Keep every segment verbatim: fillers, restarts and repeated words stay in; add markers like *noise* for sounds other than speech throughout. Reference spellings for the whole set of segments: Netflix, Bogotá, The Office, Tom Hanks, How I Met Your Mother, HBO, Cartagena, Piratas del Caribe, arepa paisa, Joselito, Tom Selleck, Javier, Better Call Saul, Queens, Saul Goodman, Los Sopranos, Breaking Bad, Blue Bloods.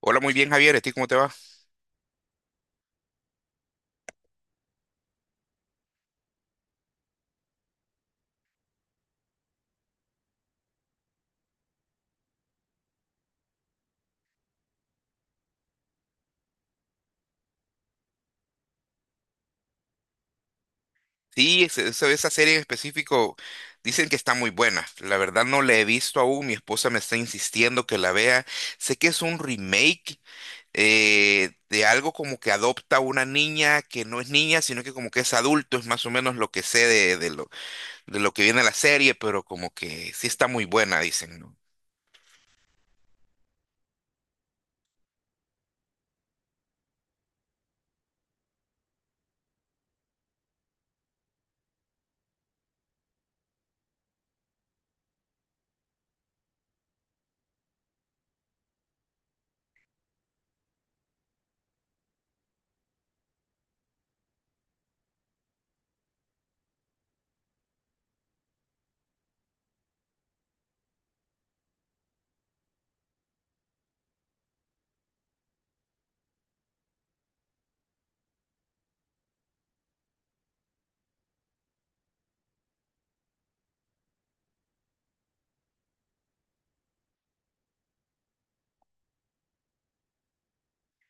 Hola, muy bien, Javier. ¿A ti cómo te va? Sí, ese- esa, esa serie en específico dicen que está muy buena. La verdad no la he visto aún. Mi esposa me está insistiendo que la vea. Sé que es un remake eh, de algo como que adopta una niña que no es niña, sino que como que es adulto. Es más o menos lo que sé de, de lo, de lo que viene la serie, pero como que sí está muy buena, dicen, ¿no?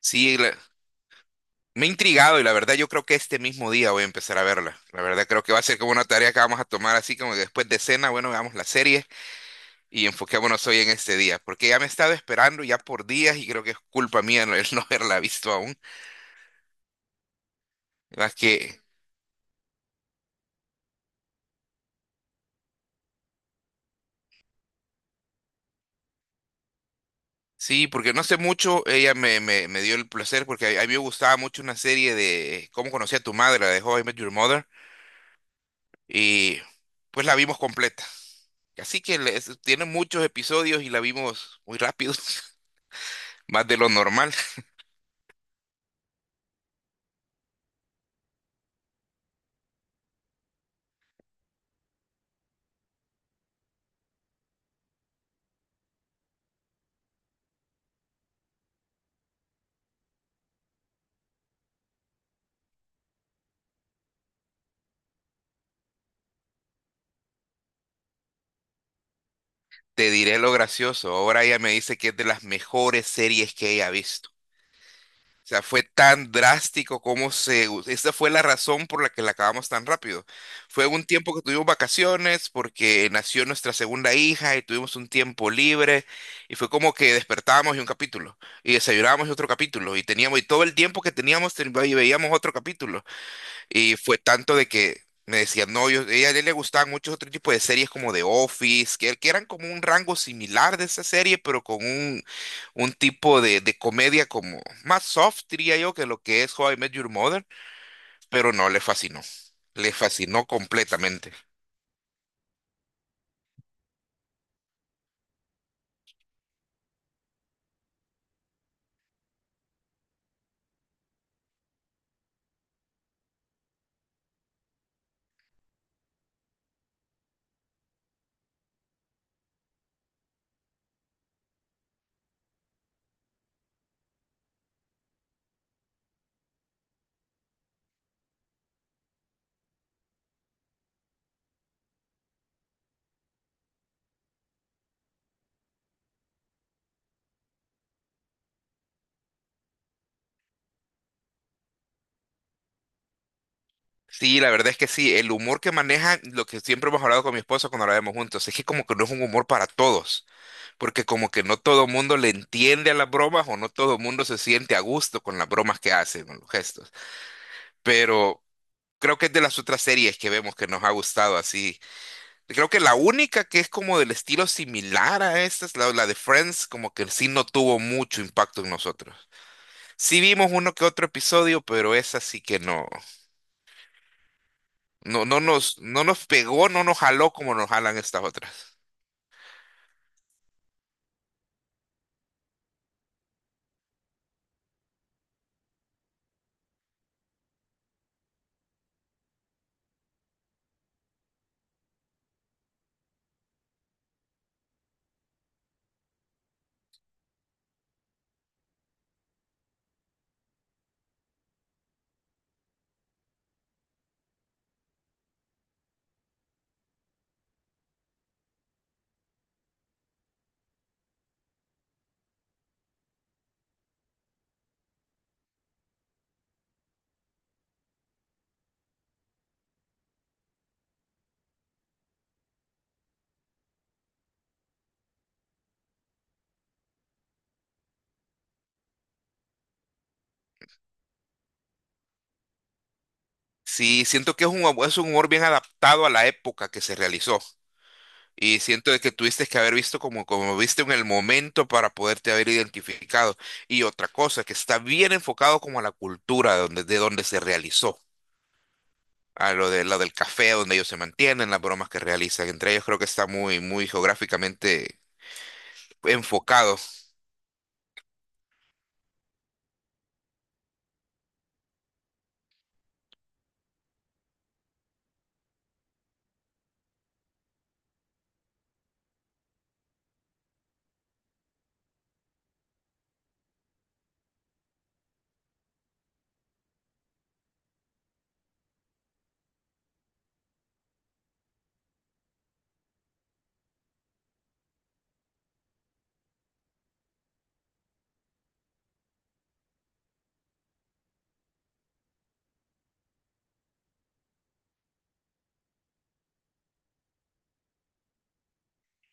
Sí, la- Me he intrigado y la verdad yo creo que este mismo día voy a empezar a verla. La verdad creo que va a ser como una tarea que vamos a tomar así como que después de cena, bueno, veamos la serie. Y enfoquémonos hoy en este día, porque ya me he estado esperando ya por días y creo que es culpa mía no, el *laughs* no haberla visto aún. Más que sí, porque no sé mucho, ella me, me, me dio el placer porque a, a mí me gustaba mucho una serie de Cómo conocí a tu madre, la de How I Met Your Mother, y pues la vimos completa. Así que le- es- Tiene muchos episodios y la vimos muy rápido, *laughs* más de lo normal. Te diré lo gracioso. Ahora ella me dice que es de las mejores series que ella ha visto. O sea, fue tan drástico como se... Esa fue la razón por la que la acabamos tan rápido. Fue un tiempo que tuvimos vacaciones porque nació nuestra segunda hija y tuvimos un tiempo libre, y fue como que despertábamos y un capítulo, y desayunábamos y otro capítulo y teníamos y todo el tiempo que teníamos ten- y veíamos otro capítulo. Y fue tanto de que me decían, no, yo, ella- a él le gustaban muchos otros tipos de series como The Office, que, que eran como un rango similar de esa serie, pero con un, un tipo de, de comedia como más soft, diría yo, que lo que es How I Met Your Mother, pero no, le fascinó, le fascinó completamente. Sí, la verdad es que sí, el humor que maneja, lo que siempre hemos hablado con mi esposa cuando la vemos juntos, es que como que no es un humor para todos, porque como que no todo mundo le entiende a las bromas o no todo mundo se siente a gusto con las bromas que hacen, con los gestos. Pero creo que es de las otras series que vemos que nos ha gustado así. Creo que la única que es como del estilo similar a esta es la, la de Friends, como que sí no tuvo mucho impacto en nosotros. Sí vimos uno que otro episodio, pero esa sí que no, no, no nos, no nos pegó, no nos jaló como nos jalan estas otras. Sí, siento que es un, es un humor bien adaptado a la época que se realizó. Y siento de que tuviste que haber visto como, como viste en el momento para poderte haber identificado. Y otra cosa, que está bien enfocado como a la cultura de donde, de donde se realizó, a lo de lo del café donde ellos se mantienen, las bromas que realizan. Entre ellos creo que está muy, muy geográficamente enfocado.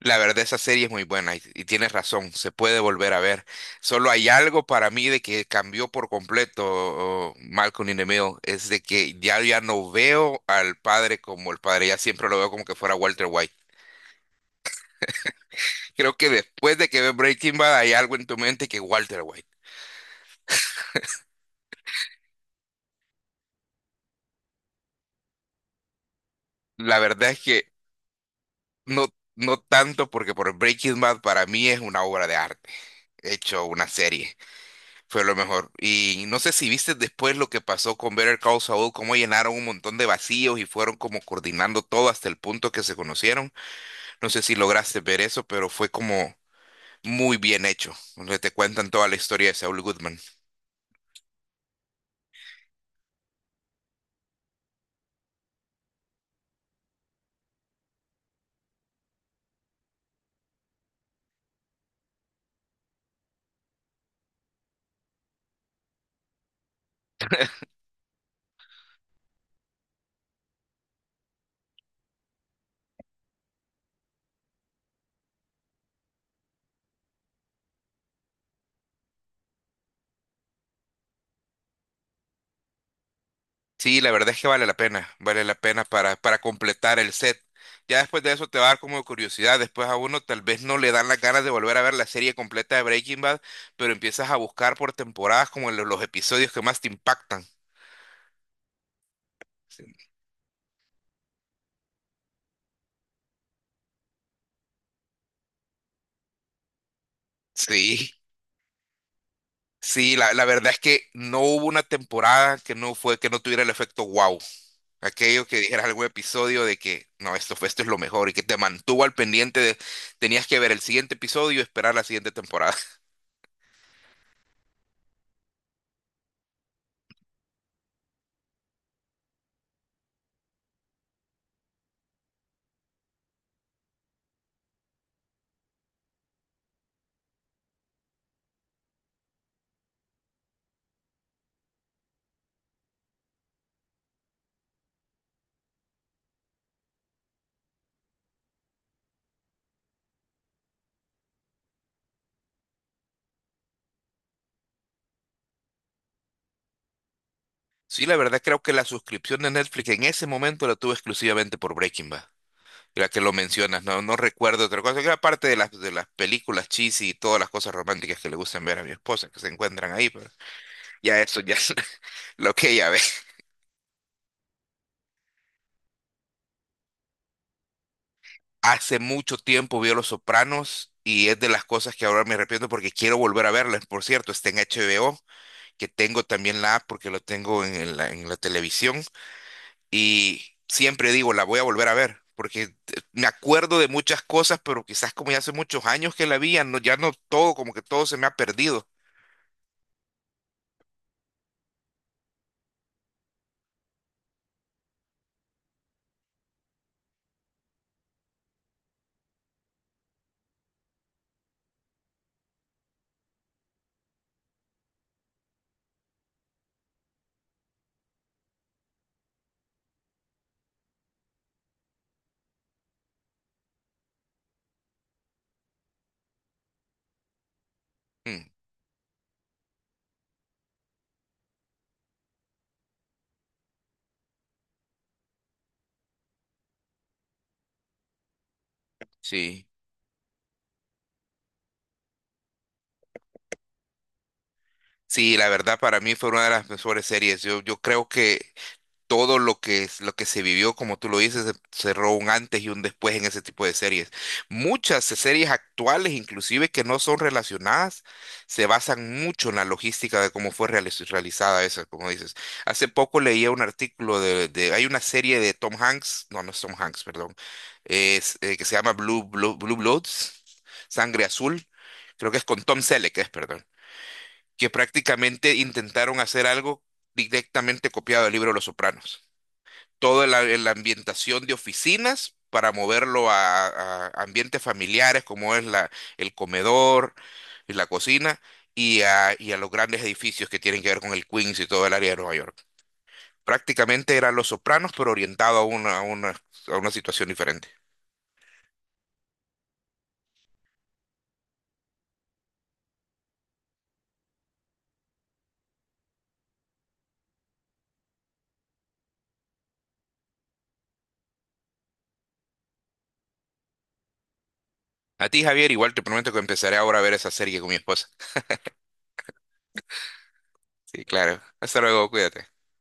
La verdad, esa serie es muy buena y, y tienes razón, se puede volver a ver. Solo hay algo para mí de que cambió por completo, oh, Malcolm in the Middle, es de que ya, ya no veo al padre como el padre, ya siempre lo veo como que fuera Walter White. Creo que después de que ves Breaking Bad hay algo en tu mente que Walter White. La verdad es que no, no tanto porque por Breaking Bad para mí es una obra de arte, hecho una serie. Fue lo mejor. Y no sé si viste después lo que pasó con Better Call Saul, cómo llenaron un montón de vacíos y fueron como coordinando todo hasta el punto que se conocieron. No sé si lograste ver eso, pero fue como muy bien hecho, donde te cuentan toda la historia de Saul Goodman. *laughs* Sí, la verdad es que vale la pena, vale la pena para, para completar el set. Ya después de eso te va a dar como curiosidad, después a uno tal vez no le dan las ganas de volver a ver la serie completa de Breaking Bad, pero empiezas a buscar por temporadas como lo- los episodios que más te impactan. Sí. Sí, la, la verdad es que no hubo una temporada que no fue, que no tuviera el efecto wow. Aquello que dijeras algún episodio de que no, esto fue, esto es lo mejor y que te mantuvo al pendiente de, tenías que ver el siguiente episodio y esperar la siguiente temporada. *laughs* Sí, la verdad creo que la suscripción de Netflix en ese momento la tuve exclusivamente por Breaking Bad. La que lo mencionas, no, no recuerdo otra cosa, que era parte de las, de las películas cheesy y todas las cosas románticas que le gustan ver a mi esposa, que se encuentran ahí, pero ya eso ya *laughs* lo que ella ve. Hace mucho tiempo vio Los Sopranos y es de las cosas que ahora me arrepiento porque quiero volver a verlas. Por cierto, está en H B O, que tengo también la app porque lo tengo en la, en la televisión, y siempre digo, la voy a volver a ver porque te- me acuerdo de muchas cosas, pero quizás como ya hace muchos años que la vi, ya no, ya no todo, como que todo se me ha perdido. Mm, sí, sí, la verdad para mí fue una de las mejores series. Yo, yo creo que todo lo que, es- lo que se vivió, como tú lo dices, se- cerró un antes y un después en ese tipo de series. Muchas series actuales, inclusive que no son relacionadas, se basan mucho en la logística de cómo fue realiz- realizada esa, como dices. Hace poco leía un artículo de, de- hay una serie de Tom Hanks, no, no es Tom Hanks, perdón, es, eh, que se llama Blue, Blue, Blue Bloods, Sangre Azul, creo que es con Tom Selleck, es, perdón, que prácticamente intentaron hacer algo directamente copiado del libro Los Sopranos, toda la, eh, la ambientación de oficinas para moverlo a, a ambientes familiares como es la, el comedor y la cocina y a, y a los grandes edificios que tienen que ver con el Queens y todo el área de Nueva York. Prácticamente eran Los Sopranos, pero orientado a una, a una, a una situación diferente. A ti, Javier, igual te prometo que empezaré ahora a ver esa serie con mi esposa. Sí, claro. Hasta luego, cuídate.